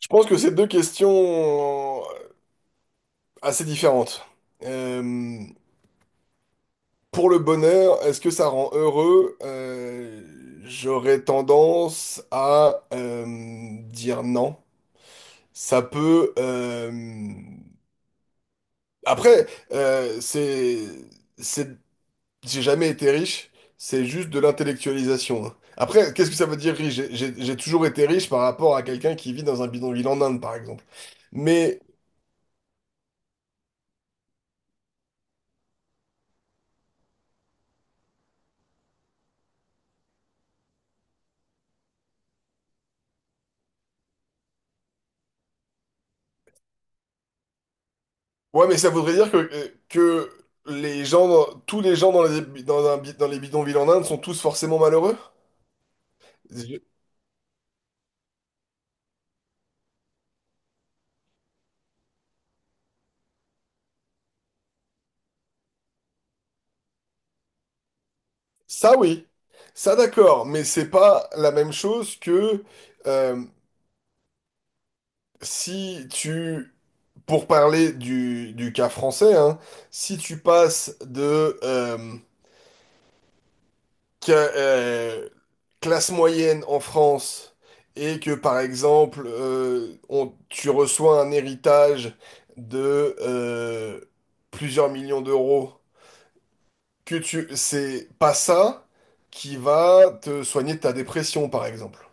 Je pense que c'est deux questions assez différentes. Euh, pour le bonheur, est-ce que ça rend heureux? J'aurais tendance à dire non. Ça peut... Après, c'est... c'est- J'ai jamais été riche, c'est juste de l'intellectualisation. Hein. Après, qu'est-ce que ça veut dire riche? J'ai toujours été riche par rapport à quelqu'un qui vit dans un bidonville en Inde, par exemple. Mais ouais, mais ça voudrait dire que les tous les gens dans dans un dans les bidonvilles en Inde sont tous forcément malheureux? Je- Ça, oui. Ça, d'accord. Mais c'est pas la même chose que euh, si tu, pour parler du cas français, hein, si tu passes de que classe moyenne en France et que par exemple tu reçois un héritage de plusieurs millions d'euros, que tu c'est pas ça qui va te soigner de ta dépression par exemple.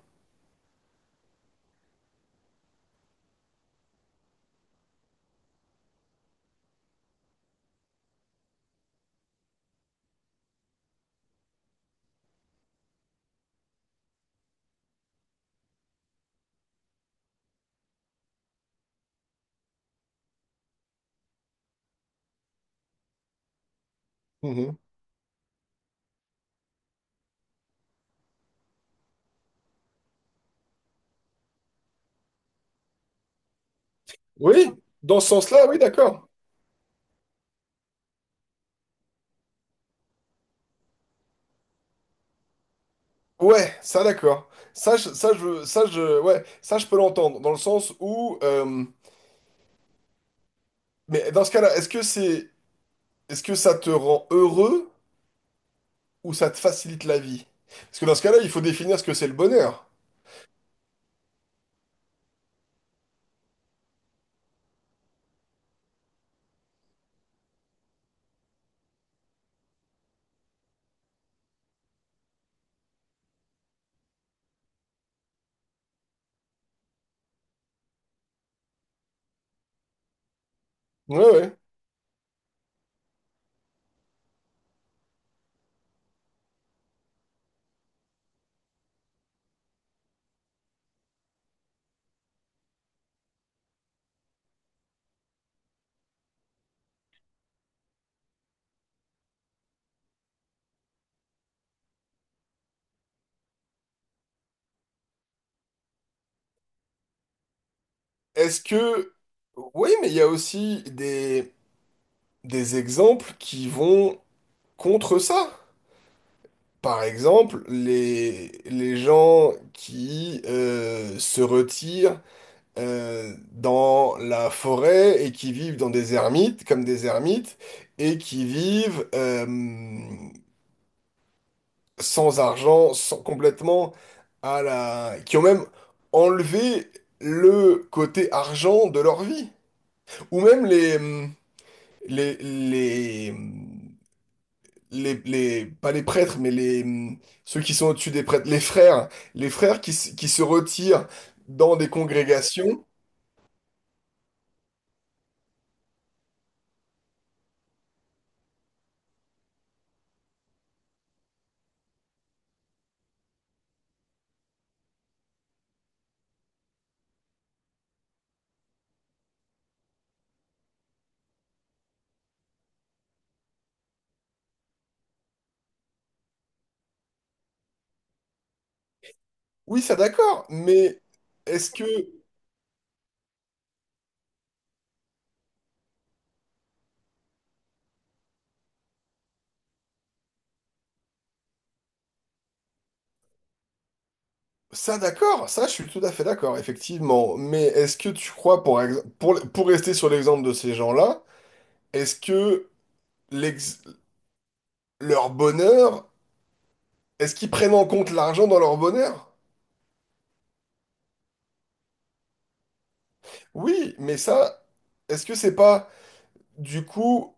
Mhm. Oui, dans ce sens-là, oui, d'accord. Ouais, ça d'accord. Ça, je- ça, je, ça, je, ouais, ça, je peux l'entendre, dans le sens où, mais dans ce cas-là, est-ce que ça te rend heureux ou ça te facilite la vie? Parce que dans ce cas-là, il faut définir ce que c'est le bonheur. Ouais, ouais. Est-ce que... Oui, mais il y a aussi des exemples qui vont contre ça. Par exemple, les gens qui se retirent dans la forêt et qui vivent dans des ermites, comme des ermites, et qui vivent sans argent, sans complètement à la... qui ont même enlevé le côté argent de leur vie. Ou même les, les, hum, pas les prêtres, mais ceux qui sont au-dessus des prêtres, les frères qui se retirent dans des congrégations. Oui, ça d'accord, mais est-ce que... Ça d'accord, ça je suis tout à fait d'accord, effectivement. Mais est-ce que tu crois, pour rester sur l'exemple de ces gens-là, est-ce que l'ex- leur bonheur, est-ce qu'ils prennent en compte l'argent dans leur bonheur? Oui, mais ça, est-ce que c'est pas du coup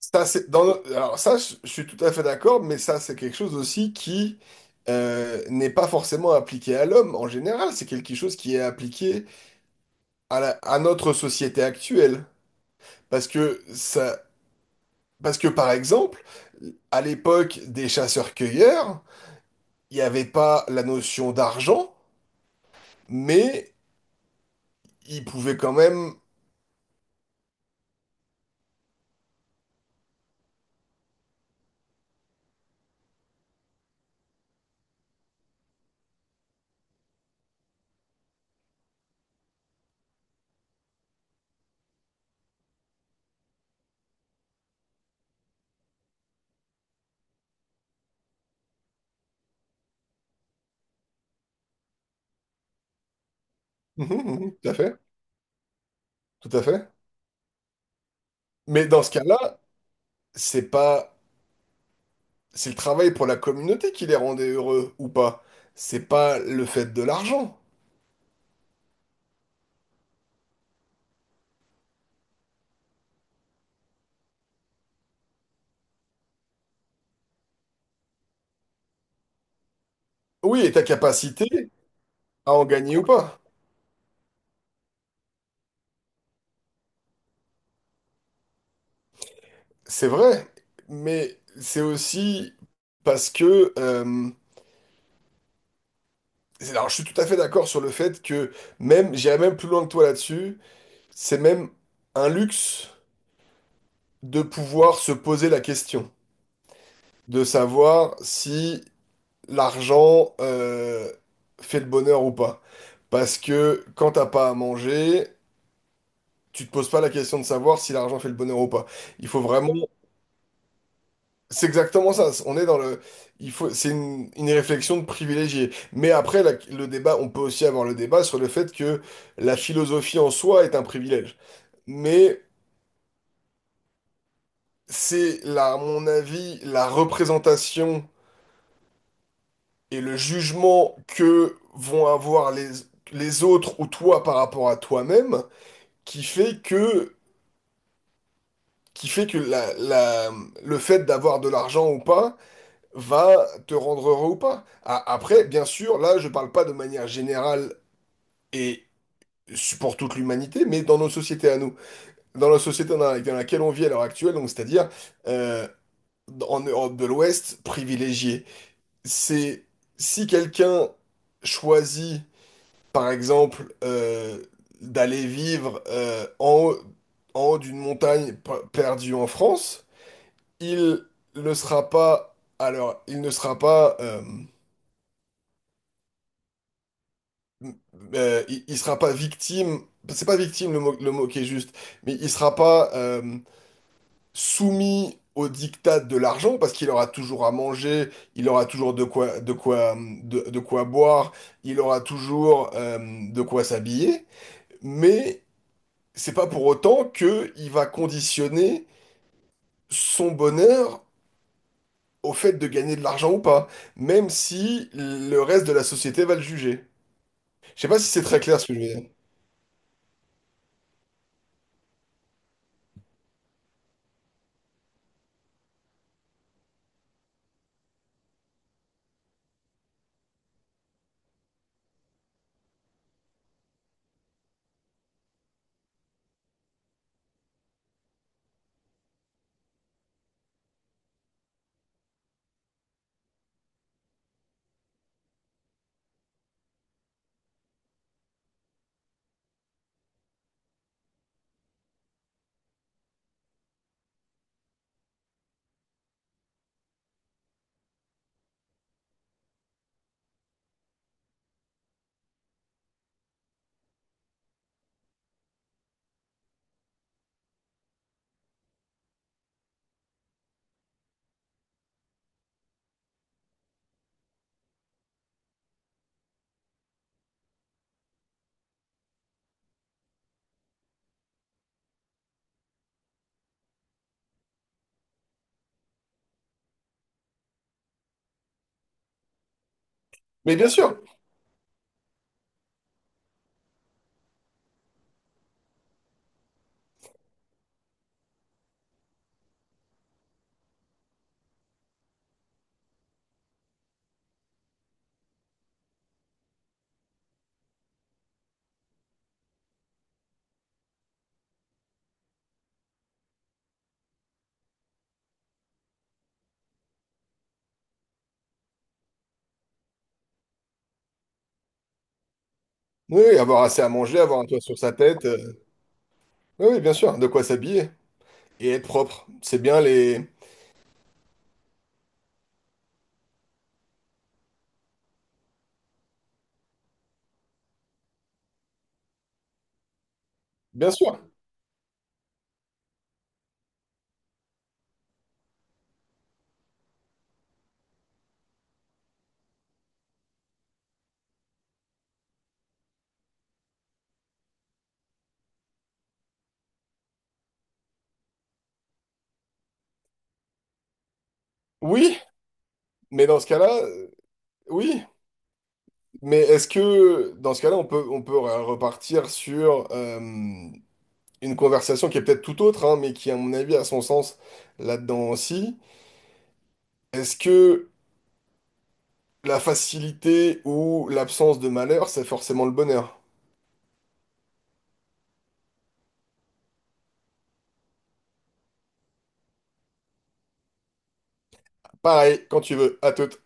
ça c'est dans alors ça je suis tout à fait d'accord, mais ça c'est quelque chose aussi qui n'est pas forcément appliqué à l'homme en général, c'est quelque chose qui est appliqué à, à notre société actuelle parce que ça parce que par exemple à l'époque des chasseurs-cueilleurs, il n'y avait pas la notion d'argent, mais ils pouvaient quand même mhm, mhm, tout à fait, tout à fait. Mais dans ce cas-là, c'est pas, c'est le travail pour la communauté qui les rendait heureux ou pas. C'est pas le fait de l'argent. Oui, et ta capacité à en gagner ou pas. C'est vrai, mais c'est aussi parce que. Alors, je suis tout à fait d'accord sur le fait que même, j'irais même plus loin que toi là-dessus. C'est même un luxe de pouvoir se poser la question, de savoir si l'argent fait le bonheur ou pas. Parce que quand t'as pas à manger, tu te poses pas la question de savoir si l'argent fait le bonheur ou pas. Il faut vraiment... C'est exactement ça. On est dans le... Il faut... C'est une réflexion de privilégié. Mais après, le débat, on peut aussi avoir le débat sur le fait que la philosophie en soi est un privilège. Mais c'est, là, à mon avis, la représentation et le jugement que vont avoir les autres ou toi par rapport à toi-même qui fait que, qui fait que le fait d'avoir de l'argent ou pas va te rendre heureux ou pas. Après, bien sûr, là, je parle pas de manière générale et pour toute l'humanité, mais dans nos sociétés à nous, dans la société dans dans laquelle on vit à l'heure actuelle, donc c'est-à-dire euh, en Europe de l'Ouest, privilégiée. C'est si quelqu'un choisit, par exemple, d'aller vivre en haut d'une montagne perdue en France, il ne sera pas, alors, il ne sera pas, il sera pas victime, c'est pas victime le mot qui est juste, mais il sera pas soumis au diktat de l'argent parce qu'il aura toujours à manger, il aura toujours de quoi, de quoi boire, il aura toujours de quoi s'habiller, mais c'est pas pour autant que il va conditionner son bonheur au fait de gagner de l'argent ou pas, même si le reste de la société va le juger. Je sais pas si c'est très clair ce que je veux dire. Mais bien sûr, oui, oui, avoir assez à manger, avoir un toit sur sa tête, oui, oui, bien sûr, de quoi s'habiller et être propre, c'est bien les... Bien sûr, oui, mais dans ce cas-là, oui, mais est-ce que dans ce cas-là, on peut repartir sur une conversation qui est peut-être tout autre, hein, mais qui, à mon avis, a son sens là-dedans aussi. Est-ce que la facilité ou l'absence de malheur, c'est forcément le bonheur. Pareil, quand tu veux. À toute.